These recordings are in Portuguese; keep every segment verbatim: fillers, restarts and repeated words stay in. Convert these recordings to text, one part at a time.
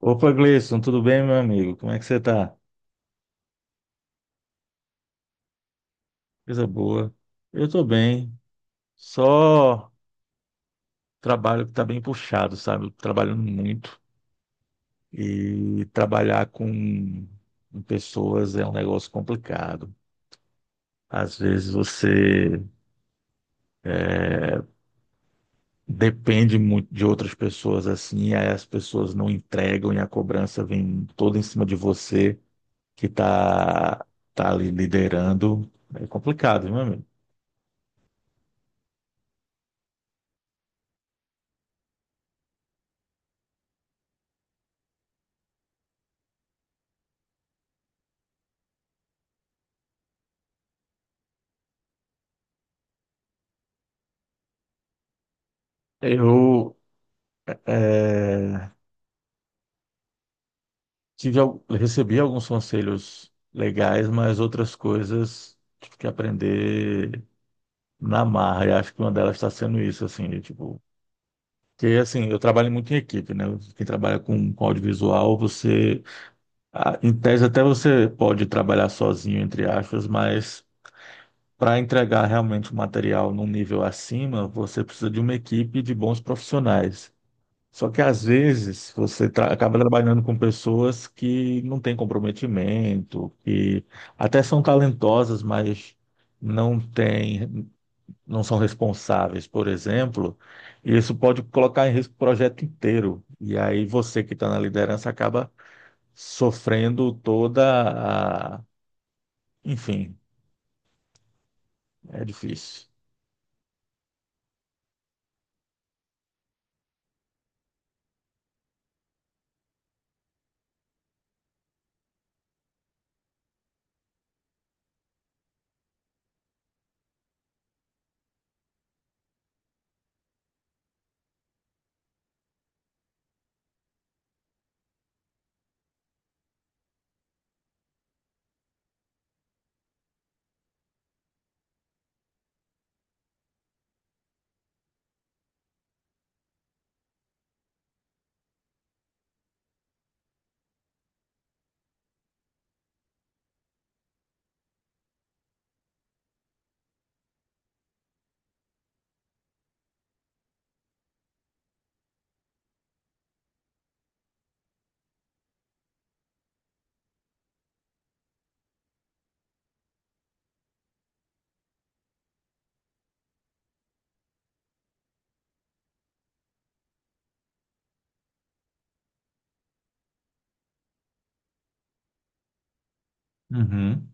Opa, Gleison, tudo bem, meu amigo? Como é que você tá? Coisa boa. Eu tô bem. Só trabalho que tá bem puxado, sabe? Eu tô trabalhando muito. E trabalhar com com pessoas é um negócio complicado. Às vezes você depende muito de outras pessoas assim, aí as pessoas não entregam e a cobrança vem toda em cima de você que tá, tá ali liderando. É complicado, viu, meu amigo. Eu é, tive, al- recebi alguns conselhos legais, mas outras coisas tive que aprender na marra. E acho que uma delas está sendo isso, assim, de, tipo. Que assim, eu trabalho muito em equipe, né? Quem trabalha com, com audiovisual, você, ah, em tese, até você pode trabalhar sozinho, entre aspas, mas para entregar realmente o material num nível acima, você precisa de uma equipe de bons profissionais. Só que às vezes você tra- acaba trabalhando com pessoas que não têm comprometimento, que até são talentosas, mas não têm, não são responsáveis, por exemplo, e isso pode colocar em risco o projeto inteiro. E aí você que está na liderança acaba sofrendo toda a... Enfim, é difícil. Uhum,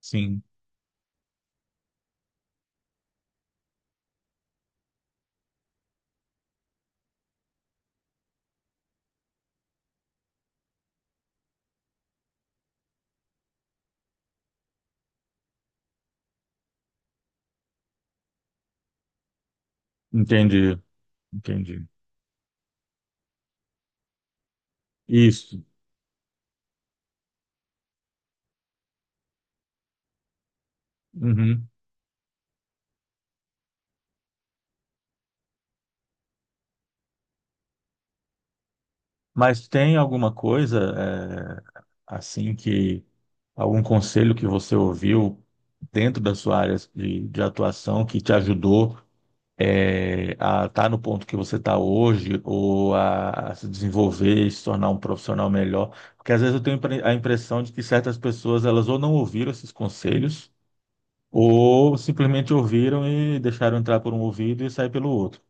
sim, entendi, entendi. Isso. Uhum. Mas tem alguma coisa? assim que algum conselho que você ouviu dentro da sua área de, de atuação que te ajudou, é, a estar no ponto que você está hoje ou a, a se desenvolver e se tornar um profissional melhor? Porque às vezes eu tenho impre- a impressão de que certas pessoas elas ou não ouviram esses conselhos ou simplesmente ouviram e deixaram entrar por um ouvido e sair pelo outro.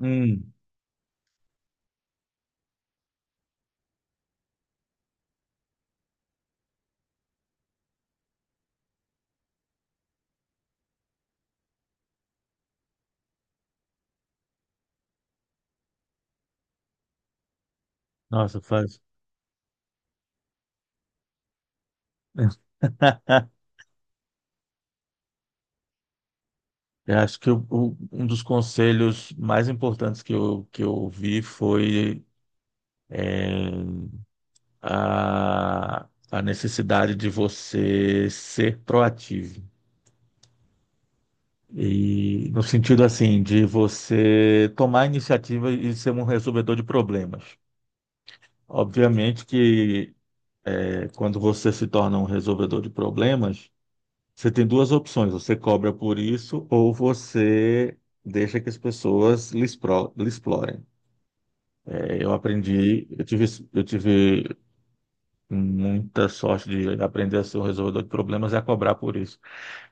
Hum, nossa, faz. Eu acho que o- o- um dos conselhos mais importantes que eu, que eu ouvi foi eh, a, a necessidade de você ser proativo. E no sentido assim, de você tomar iniciativa e ser um resolvedor de problemas. Obviamente que eh, quando você se torna um resolvedor de problemas, você tem duas opções: você cobra por isso ou você deixa que as pessoas lhe expro- lhe explorem. É, Eu aprendi, eu tive, eu tive muita sorte de aprender a ser um resolvedor de problemas e a cobrar por isso.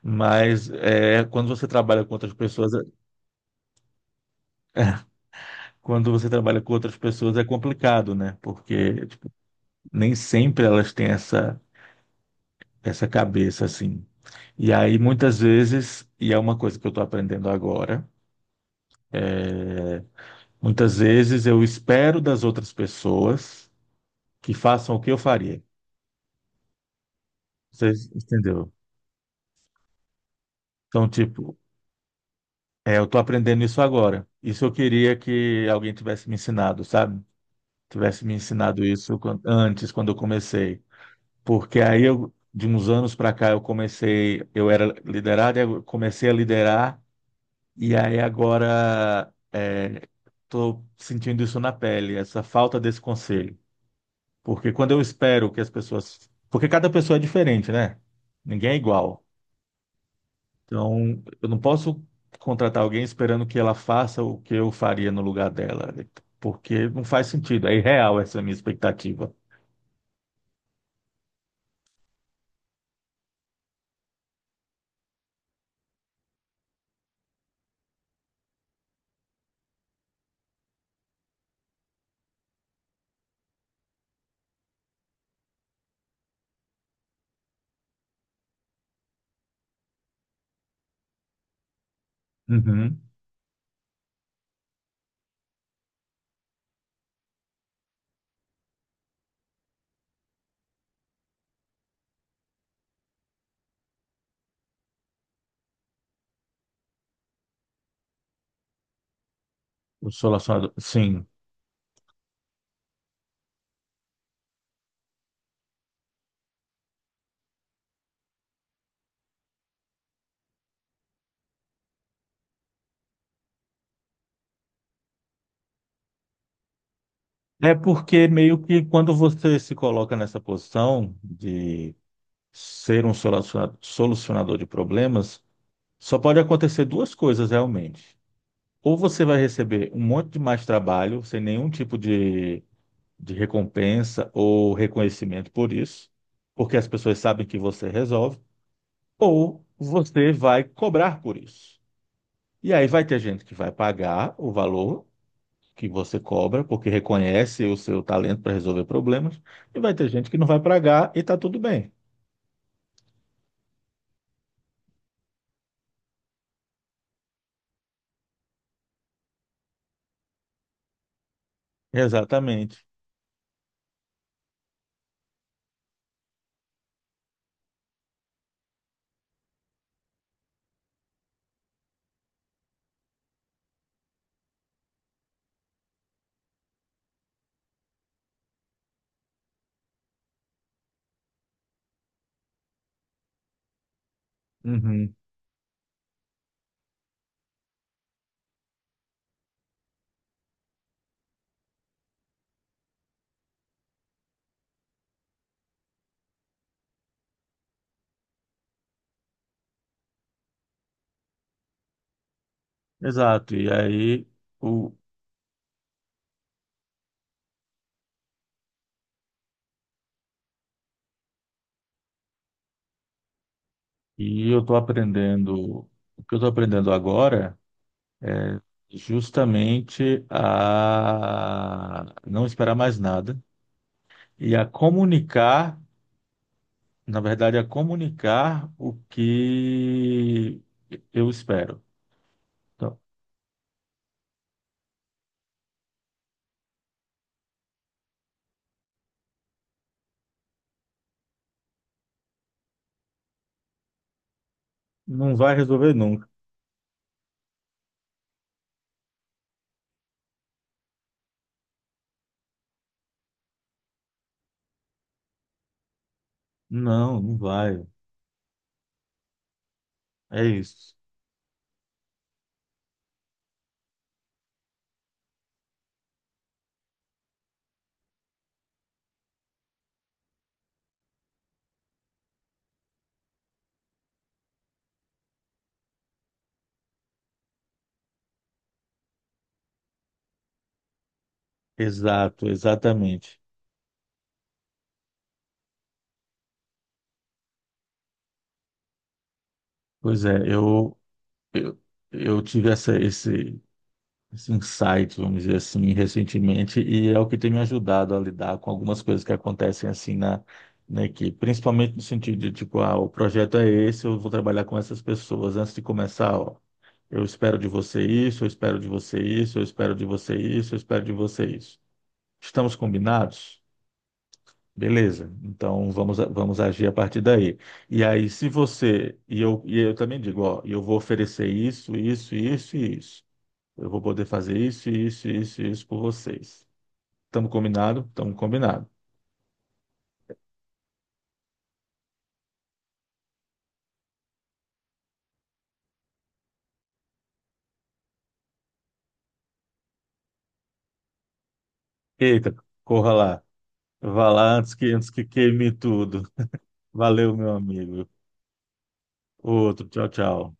Mas é, quando você trabalha com outras pessoas, quando você trabalha com outras pessoas é complicado, né? Porque tipo, nem sempre elas têm essa, essa cabeça assim. E aí muitas vezes, e é uma coisa que eu estou aprendendo agora, é, muitas vezes eu espero das outras pessoas que façam o que eu faria. Vocês entenderam? Então, tipo, é, eu tô aprendendo isso agora. Isso eu queria que alguém tivesse me ensinado, sabe? Tivesse me ensinado isso quan- antes, quando eu comecei. Porque aí eu, de uns anos para cá, eu comecei, eu era liderado, eu comecei a liderar, e aí agora é, tô sentindo isso na pele, essa falta desse conselho. Porque quando eu espero que as pessoas. Porque cada pessoa é diferente, né? Ninguém é igual. Então, eu não posso contratar alguém esperando que ela faça o que eu faria no lugar dela, porque não faz sentido. É irreal essa minha expectativa. Uhum. O solucionador, sim. É porque meio que quando você se coloca nessa posição de ser um solaciona- solucionador de problemas, só pode acontecer duas coisas realmente. Ou você vai receber um monte de mais trabalho, sem nenhum tipo de de recompensa ou reconhecimento por isso, porque as pessoas sabem que você resolve, ou você vai cobrar por isso. E aí vai ter gente que vai pagar o valor que você cobra, porque reconhece o seu talento para resolver problemas, e vai ter gente que não vai pagar e está tudo bem. Exatamente. Uhum. Exato. E aí o e eu estou aprendendo o que eu estou aprendendo agora, é justamente a não esperar mais nada e a comunicar, na verdade, a comunicar o que eu espero. Então, não vai resolver nunca. Não, não vai. É isso. Exato, exatamente. Pois é, eu, eu, eu tive essa, esse, esse insight, vamos dizer assim, recentemente, e é o que tem me ajudado a lidar com algumas coisas que acontecem assim na, na equipe, principalmente no sentido de, tipo, ah, o projeto é esse, eu vou trabalhar com essas pessoas antes de começar, ó. Eu espero de você isso, eu espero de você isso, eu espero de você isso, eu espero de você isso. Estamos combinados? Beleza. Então vamos, vamos agir a partir daí. E aí, se você, e eu, e eu também digo, ó, eu vou oferecer isso, isso, isso e isso. Eu vou poder fazer isso, isso, isso, isso por vocês. Estamos combinado? Estamos combinado. Eita, corra lá. Vá lá antes que, antes que queime tudo. Valeu, meu amigo. Outro, tchau, tchau.